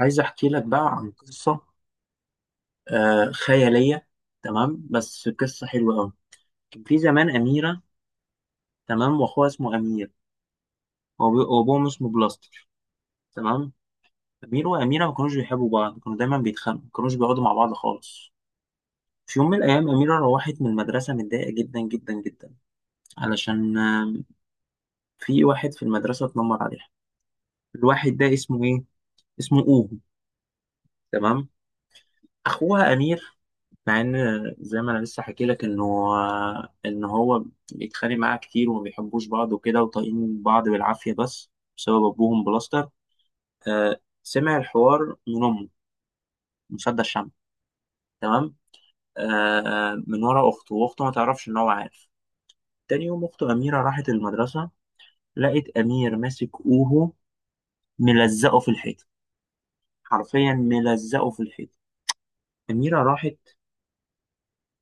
عايز احكي لك بقى عن قصه آه خياليه. تمام، بس قصه حلوه قوي. كان في زمان اميره. تمام، واخوها اسمه امير. وابوهم اسمه بلاستر. تمام. امير واميره ما كانوش بيحبوا بعض، كانوا دايما بيتخانقوا، ما كانوش بيقعدوا مع بعض خالص. في يوم من الايام اميره روحت من المدرسه متضايقه جدا جدا جدا، علشان في واحد في المدرسه اتنمر عليها. الواحد ده اسمه ايه؟ اسمه اوهو. تمام. اخوها امير، مع ان، زي ما انا لسه حكي لك، انه ان هو بيتخانق معاها كتير وما بيحبوش بعض وكده، وطايقين بعض بالعافيه، بس بسبب ابوهم بلاستر، آه سمع الحوار من امه، مصدق الشمع. تمام، آه من ورا اخته، واخته ما تعرفش ان هو عارف. تاني يوم اخته اميره راحت المدرسه، لقت امير ماسك اوهو، ملزقه في الحيط، حرفيا ملزقه في الحيط. اميره راحت،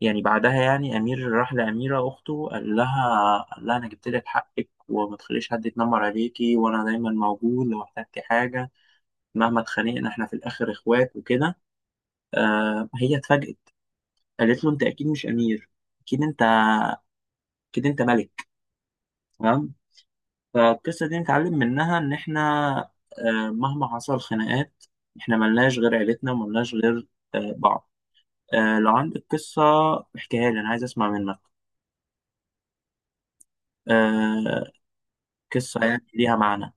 يعني بعدها يعني امير راح لاميره اخته، قال لها انا جبت لك حقك، وما تخليش حد يتنمر عليكي، وانا دايما موجود لو احتجتي حاجه. مهما اتخانقنا احنا في الاخر اخوات وكده. آه هي اتفاجئت، قالت له انت اكيد مش امير، اكيد انت، اكيد انت ملك. تمام. فالقصه دي نتعلم منها ان احنا مهما حصل خناقات، احنا ملناش غير عيلتنا، وملناش غير بعض. لو عندك قصه احكيها لي، انا عايز اسمع منك آه قصه يعني ليها معنى.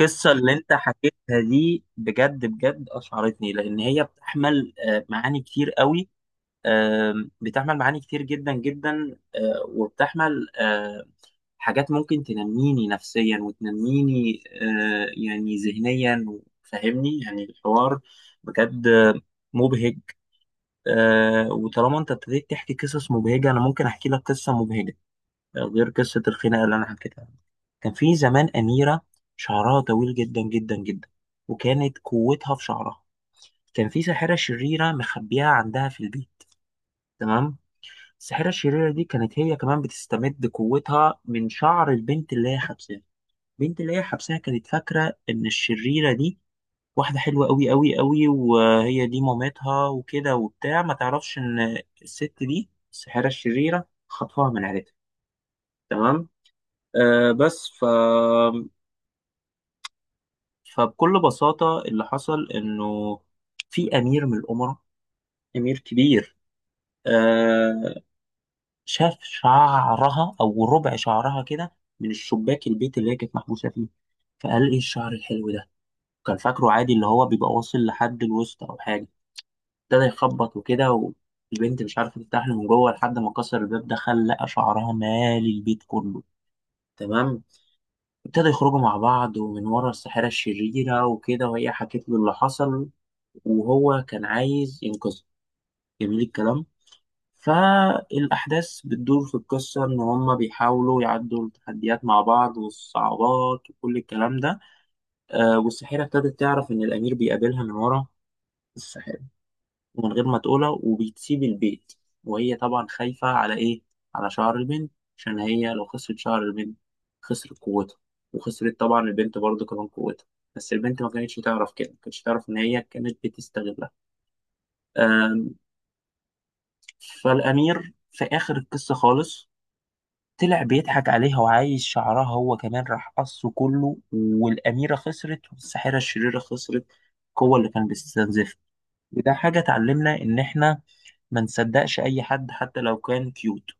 القصة اللي انت حكيتها دي بجد بجد أشعرتني، لأن هي بتحمل معاني كتير قوي. بتحمل معاني كتير جدا جدا، وبتحمل حاجات ممكن تنميني نفسيا وتنميني يعني ذهنيا، فاهمني يعني الحوار بجد مبهج. وطالما انت ابتديت تحكي قصص مبهجة، أنا ممكن أحكي لك قصة مبهجة غير قصة الخناقة اللي أنا حكيتها. كان في زمان أميرة، شعرها طويل جدا جدا جدا، وكانت قوتها في شعرها. كان في ساحرة شريرة مخبيها عندها في البيت. تمام. الساحرة الشريرة دي كانت هي كمان بتستمد قوتها من شعر البنت اللي هي حبساها. البنت اللي هي حبساها كانت فاكرة إن الشريرة دي واحدة حلوة أوي أوي أوي، وهي دي مامتها وكده وبتاع، ما تعرفش إن الست دي الساحرة الشريرة خطفها من عيلتها. تمام. آه بس ف فبكل بساطة اللي حصل إنه في أمير من الأمراء، أمير كبير، آه شاف شعرها أو ربع شعرها كده، من الشباك البيت اللي هي كانت محبوسة فيه. فقال إيه الشعر الحلو ده، كان فاكره عادي اللي هو بيبقى واصل لحد الوسط أو حاجة. ابتدى يخبط وكده، والبنت مش عارفة تفتح له من جوه، لحد ما كسر الباب دخل لقى شعرها مالي البيت كله. تمام. ابتدوا يخرجوا مع بعض ومن ورا الساحرة الشريرة وكده، وهي حكت له اللي حصل، وهو كان عايز ينقذها. جميل الكلام. فالأحداث بتدور في القصة إن هما بيحاولوا يعدوا التحديات مع بعض والصعوبات وكل الكلام ده. آه والساحرة ابتدت تعرف إن الأمير بيقابلها من ورا الساحرة، من غير ما تقولها وبتسيب البيت. وهي طبعا خايفة على إيه؟ على شعر البنت. عشان هي لو خسرت شعر البنت، خسرت قوتها، وخسرت طبعا البنت برضه كمان قوتها. بس البنت ما كانتش تعرف كده، ما كانتش تعرف إن هي كانت بتستغلها. أم، فالأمير في آخر القصة خالص طلع بيضحك عليها، وعايز شعرها هو كمان، راح قصه كله، والأميرة خسرت، والساحرة الشريرة خسرت القوة اللي كان بيستنزفها. وده حاجة تعلمنا إن إحنا ما نصدقش اي حد حتى لو كان كيوت.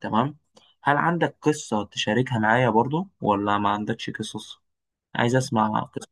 تمام. هل عندك قصة تشاركها معايا برضو، ولا ما عندكش قصص؟ عايز اسمع قصة.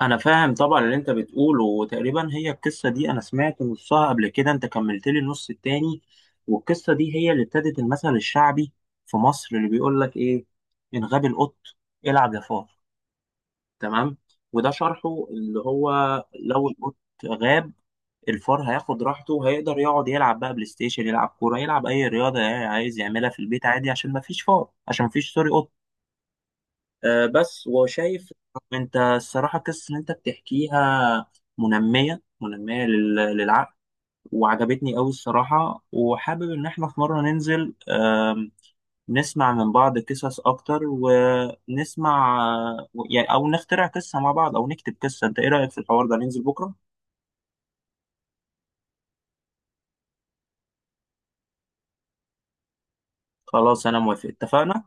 انا فاهم طبعا اللي انت بتقوله، وتقريبا هي القصة دي انا سمعت نصها قبل كده، انت كملت لي النص التاني. والقصة دي هي اللي ابتدت المثل الشعبي في مصر، اللي بيقول لك ايه؟ ان غاب القط، العب يا فار. تمام. وده شرحه اللي هو لو القط غاب، الفار هياخد راحته، هيقدر يقعد يلعب بقى بلاي ستيشن، يلعب كوره، يلعب اي رياضه يعني عايز يعملها في البيت عادي، عشان ما فيش فار، عشان ما فيش سوري قط. آه بس وشايف، انت الصراحه القصه اللي انت بتحكيها منميه منميه للعقل، وعجبتني قوي الصراحه. وحابب ان احنا في مره ننزل، نسمع من بعض قصص اكتر، ونسمع يعني او نخترع قصه مع بعض، او نكتب قصه. انت ايه رايك في الحوار ده، ننزل بكره؟ خلاص انا موافق، اتفقنا.